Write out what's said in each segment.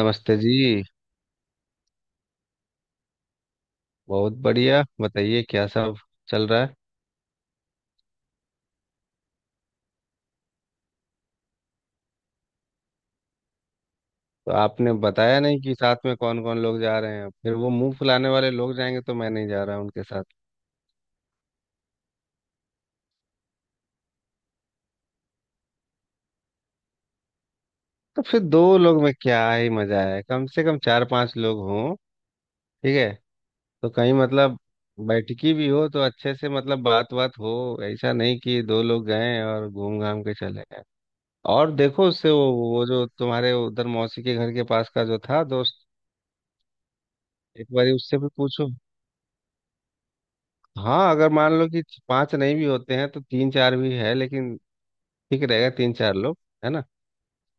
नमस्ते जी। बहुत बढ़िया, बताइए क्या सब चल रहा है। तो आपने बताया नहीं कि साथ में कौन कौन लोग जा रहे हैं। फिर वो मुंह फुलाने वाले लोग जाएंगे तो मैं नहीं जा रहा उनके साथ। तो फिर दो लोग में क्या ही मजा है, कम से कम चार पांच लोग हों। ठीक है। तो कहीं मतलब बैठकी भी हो तो अच्छे से मतलब बात बात हो। ऐसा नहीं कि दो लोग गए और घूम घाम के चले गए। और देखो उससे, वो जो तुम्हारे उधर मौसी के घर के पास का जो था दोस्त, एक बार उससे भी पूछो। हाँ अगर मान लो कि पांच नहीं भी होते हैं तो तीन चार भी है, लेकिन ठीक रहेगा तीन चार लोग, है ना।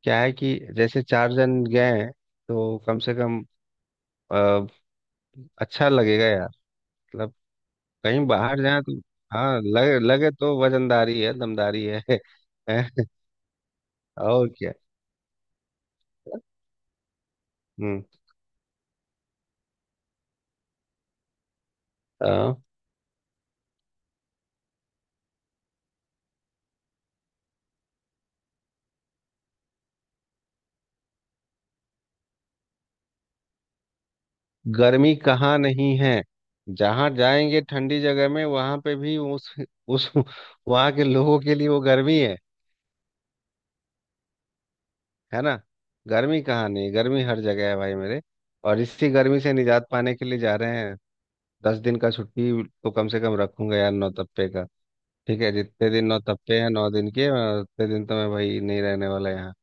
क्या है कि जैसे चार जन गए हैं तो कम से कम अ, अच्छा लगेगा यार, मतलब कहीं बाहर जाए तो। हाँ लगे लगे तो वजनदारी है, दमदारी है, हैं? और क्या। हम्म। अ, गर्मी कहाँ नहीं है। जहाँ जाएंगे ठंडी जगह में वहां पे भी उस वहां के लोगों के लिए वो गर्मी है ना। गर्मी कहाँ नहीं, गर्मी हर जगह है भाई मेरे। और इसी गर्मी से निजात पाने के लिए जा रहे हैं। 10 दिन का छुट्टी तो कम से कम रखूंगा यार नौतप्पे का। ठीक है, जितने दिन नौतप्पे हैं, 9 दिन के, मैं उतने दिन तो मैं भाई नहीं रहने वाला यहाँ।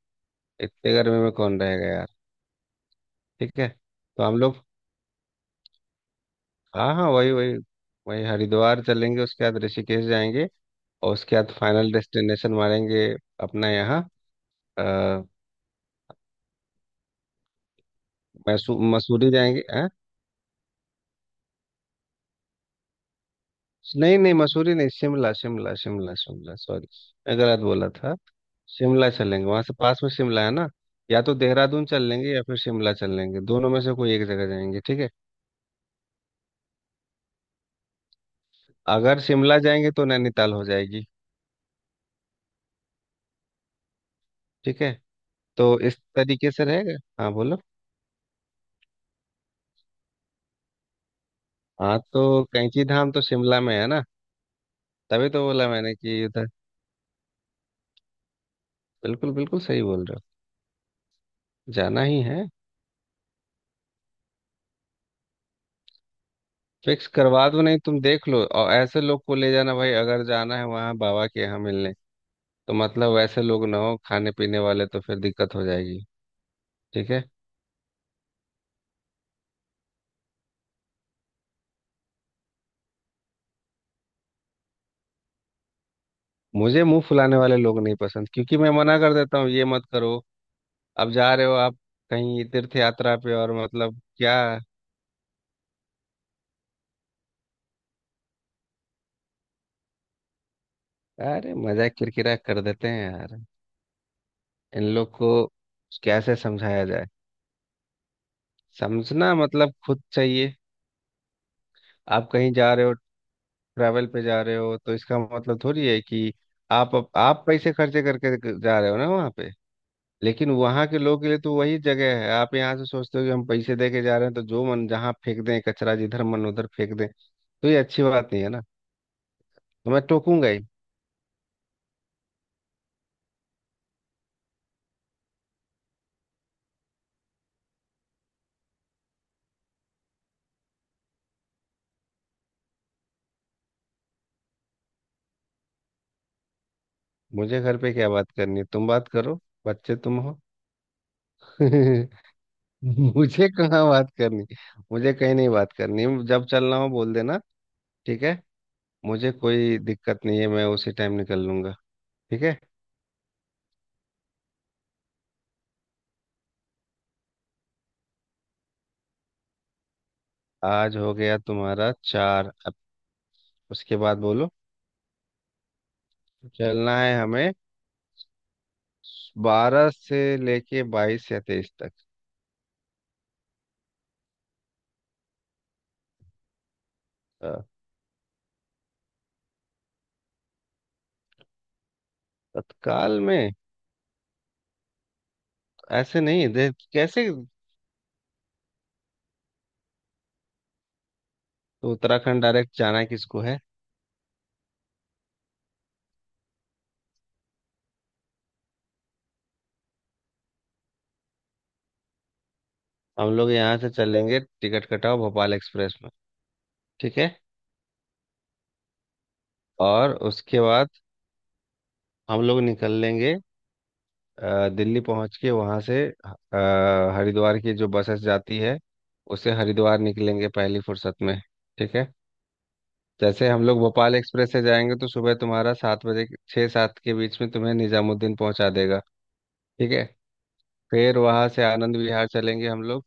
इतने गर्मी में कौन रहेगा यार। ठीक है तो हम लोग, हाँ हाँ वही वही, वही हरिद्वार चलेंगे, उसके बाद ऋषिकेश जाएंगे, और उसके बाद फाइनल डेस्टिनेशन मारेंगे अपना यहाँ अ, मैसू मसूरी जाएंगे। नहीं नहीं मसूरी नहीं, शिमला शिमला शिमला शिमला, सॉरी, मैं गलत बोला था। शिमला चलेंगे, वहां से पास में शिमला है ना। या तो देहरादून चल लेंगे या फिर शिमला चल लेंगे, दोनों में से कोई एक जगह जाएंगे, ठीक है। अगर शिमला जाएंगे तो नैनीताल हो जाएगी। ठीक है, तो इस तरीके से रहेगा। हाँ बोलो। हाँ तो कैंची धाम तो शिमला में है ना। तभी तो बोला मैंने कि उधर, बिल्कुल बिल्कुल सही बोल रहे हो, जाना ही है। फिक्स करवा दो, नहीं तुम देख लो, और ऐसे लोग को ले जाना भाई, अगर जाना है वहाँ बाबा के यहाँ मिलने तो मतलब वैसे लोग ना हो खाने पीने वाले, तो फिर दिक्कत हो जाएगी। ठीक है। मुझे मुंह फुलाने वाले लोग नहीं पसंद, क्योंकि मैं मना कर देता हूँ, ये मत करो। अब जा रहे हो आप कहीं तीर्थ यात्रा पे और मतलब क्या। अरे मजाक किरकिरा कर देते हैं यार इन लोग को। कैसे समझाया जाए, समझना मतलब खुद चाहिए। आप कहीं जा रहे हो, ट्रैवल पे जा रहे हो, तो इसका मतलब थोड़ी है कि आप पैसे खर्चे करके जा रहे हो ना वहाँ पे। लेकिन वहां के लोगों के लिए तो वही जगह है। आप यहाँ से सोचते हो कि हम पैसे दे के जा रहे हैं तो जो मन जहाँ फेंक दें कचरा, जिधर मन उधर फेंक दें, तो ये अच्छी बात नहीं है ना। तो मैं टोकूंगा ही। मुझे घर पे क्या बात करनी है, तुम बात करो, बच्चे तुम हो। मुझे कहाँ बात करनी, मुझे कहीं नहीं बात करनी, जब चलना हो बोल देना। ठीक है, मुझे कोई दिक्कत नहीं है, मैं उसी टाइम निकल लूंगा। ठीक है। आज हो गया तुम्हारा चार, अब उसके बाद बोलो। चलना है हमें 12 से लेके 22 या 23 तक। अ, तत्काल में। ऐसे नहीं दे कैसे। तो उत्तराखंड डायरेक्ट जाना किसको है। हम लोग यहाँ से चलेंगे, टिकट कटाओ भोपाल एक्सप्रेस में। ठीक है। और उसके बाद हम लोग निकल लेंगे। दिल्ली पहुँच के वहाँ से हरिद्वार की जो बसेस जाती है, उससे हरिद्वार निकलेंगे पहली फुर्सत में। ठीक है। जैसे हम लोग भोपाल एक्सप्रेस से जाएंगे तो सुबह तुम्हारा 7 बजे, छः सात के बीच में तुम्हें निजामुद्दीन पहुंचा देगा। ठीक है। फिर वहां से आनंद विहार चलेंगे हम लोग।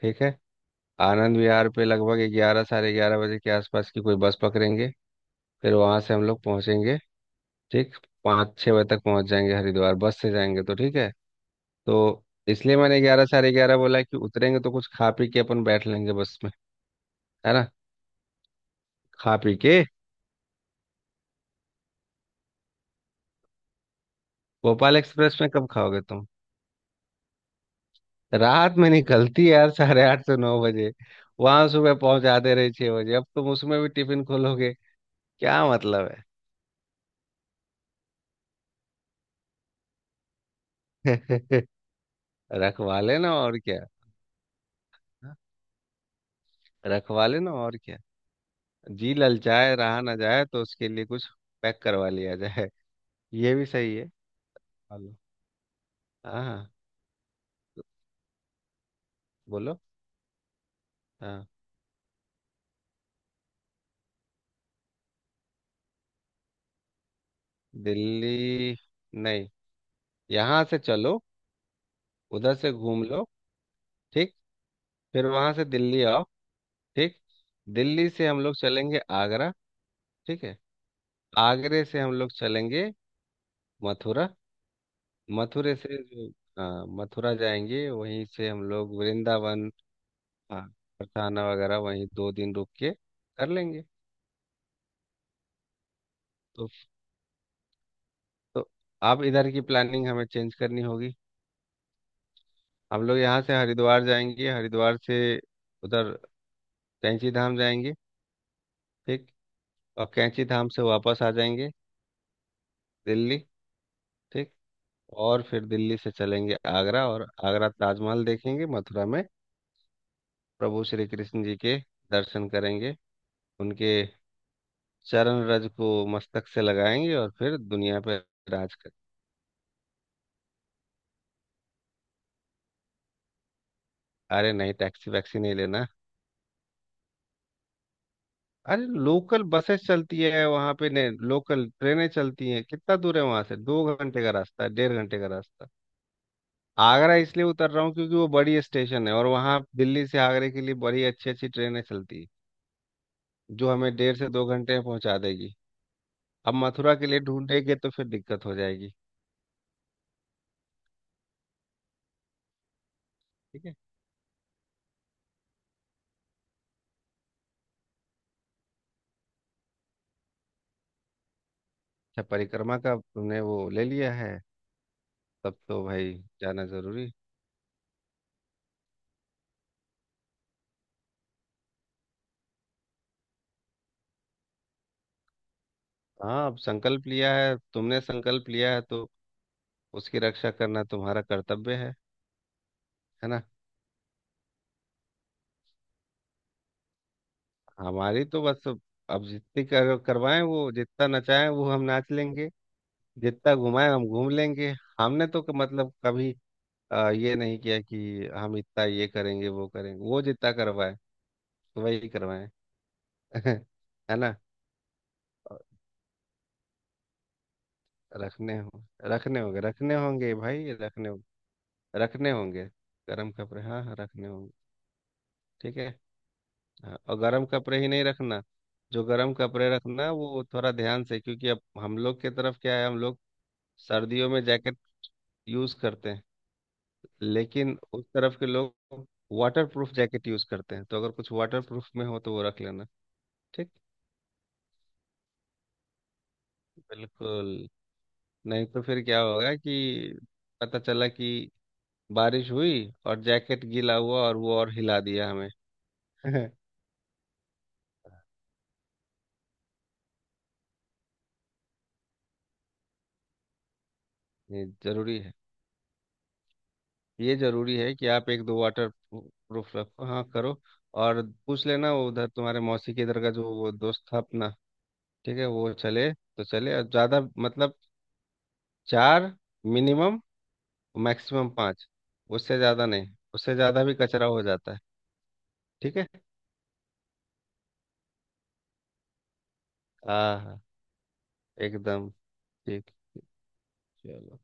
ठीक है। आनंद विहार पे लगभग 11 साढ़े 11 बजे के आसपास की कोई बस पकड़ेंगे। फिर वहां से हम लोग पहुंचेंगे, ठीक, पाँच छः बजे तक पहुंच जाएंगे हरिद्वार, बस से जाएंगे तो, ठीक है। तो इसलिए मैंने 11 साढ़े 11 बोला कि उतरेंगे तो कुछ खा पी के अपन बैठ लेंगे बस में, है ना। खा पी के। भोपाल एक्सप्रेस में कब खाओगे तुम। रात में निकलती है यार साढ़े 8 से 9 बजे, वहां सुबह पहुंचाते रहे 6 बजे, अब तुम उसमें भी टिफिन खोलोगे, क्या मतलब है। रखवा लेना और क्या, रखवा लेना और क्या, जी ललचाए रहा ना जाए तो उसके लिए कुछ पैक करवा लिया जाए। ये भी सही है। हेलो। हाँ हाँ बोलो। हाँ दिल्ली, नहीं, यहाँ से चलो, उधर से घूम लो, ठीक, फिर वहां से दिल्ली आओ, ठीक। दिल्ली से हम लोग चलेंगे आगरा। ठीक है, आगरे से हम लोग चलेंगे मथुरा। मथुरे से जो, हाँ मथुरा जाएंगे, वहीं से हम लोग वृंदावन, हाँ। और खाना वगैरह वहीं 2 दिन रुक के कर लेंगे। तो तो अब इधर की प्लानिंग हमें चेंज करनी होगी। हम लोग यहाँ से हरिद्वार जाएंगे, हरिद्वार से उधर कैंची धाम जाएंगे, ठीक। और कैंची धाम से वापस आ जाएंगे दिल्ली, ठीक। और फिर दिल्ली से चलेंगे आगरा, और आगरा ताजमहल देखेंगे, मथुरा में प्रभु श्री कृष्ण जी के दर्शन करेंगे, उनके चरण रज को मस्तक से लगाएंगे, और फिर दुनिया पर राज कर। अरे नहीं, टैक्सी वैक्सी नहीं लेना। अरे लोकल बसेस चलती है वहां पे ने, लोकल ट्रेनें चलती हैं, कितना दूर है वहां से, 2 घंटे का रास्ता है, 1.5 घंटे का रास्ता। आगरा इसलिए उतर रहा हूँ क्योंकि वो बड़ी स्टेशन है, और वहां दिल्ली से आगरे के लिए बड़ी अच्छी अच्छी ट्रेनें चलती है जो हमें 1.5 से 2 घंटे में पहुंचा देगी। अब मथुरा के लिए ढूंढेंगे तो फिर दिक्कत हो जाएगी, ठीक है। अच्छा परिक्रमा का तुमने वो ले लिया है, तब तो भाई जाना जरूरी। हाँ अब संकल्प लिया है तुमने, संकल्प लिया है तो उसकी रक्षा करना तुम्हारा कर्तव्य है ना। हमारी तो बस अब जितनी करवाएं, वो जितना नचाएं वो हम नाच लेंगे, जितना घुमाएं हम घूम लेंगे। हमने तो मतलब कभी ये नहीं किया कि हम इतना ये करेंगे वो करेंगे, वो जितना करवाएं वही करवाएं। है ना। रखने हो रखने होंगे, रखने होंगे भाई, रखने होंगे, रखने होंगे गरम कपड़े, हाँ हाँ, रखने होंगे। ठीक है। हाँ, और गरम कपड़े ही नहीं रखना, जो गरम कपड़े रखना वो थोड़ा ध्यान से, क्योंकि अब हम लोग के तरफ क्या है, हम लोग सर्दियों में जैकेट यूज़ करते हैं, लेकिन उस तरफ के लोग वाटर प्रूफ जैकेट यूज़ करते हैं, तो अगर कुछ वाटर प्रूफ में हो तो वो रख लेना, ठीक। बिल्कुल, नहीं तो फिर क्या होगा कि पता चला कि बारिश हुई और जैकेट गीला हुआ और वो और हिला दिया हमें। ये जरूरी है, ये जरूरी है कि आप एक दो वाटर प्रूफ रखो, हाँ करो। और पूछ लेना वो उधर तुम्हारे मौसी के इधर का जो वो दोस्त था अपना, ठीक है, वो चले तो चले, और ज़्यादा मतलब, चार मिनिमम, मैक्सिमम पाँच, उससे ज़्यादा नहीं, उससे ज़्यादा भी कचरा हो जाता है। ठीक है। हाँ हाँ एकदम। ठीक। चलो।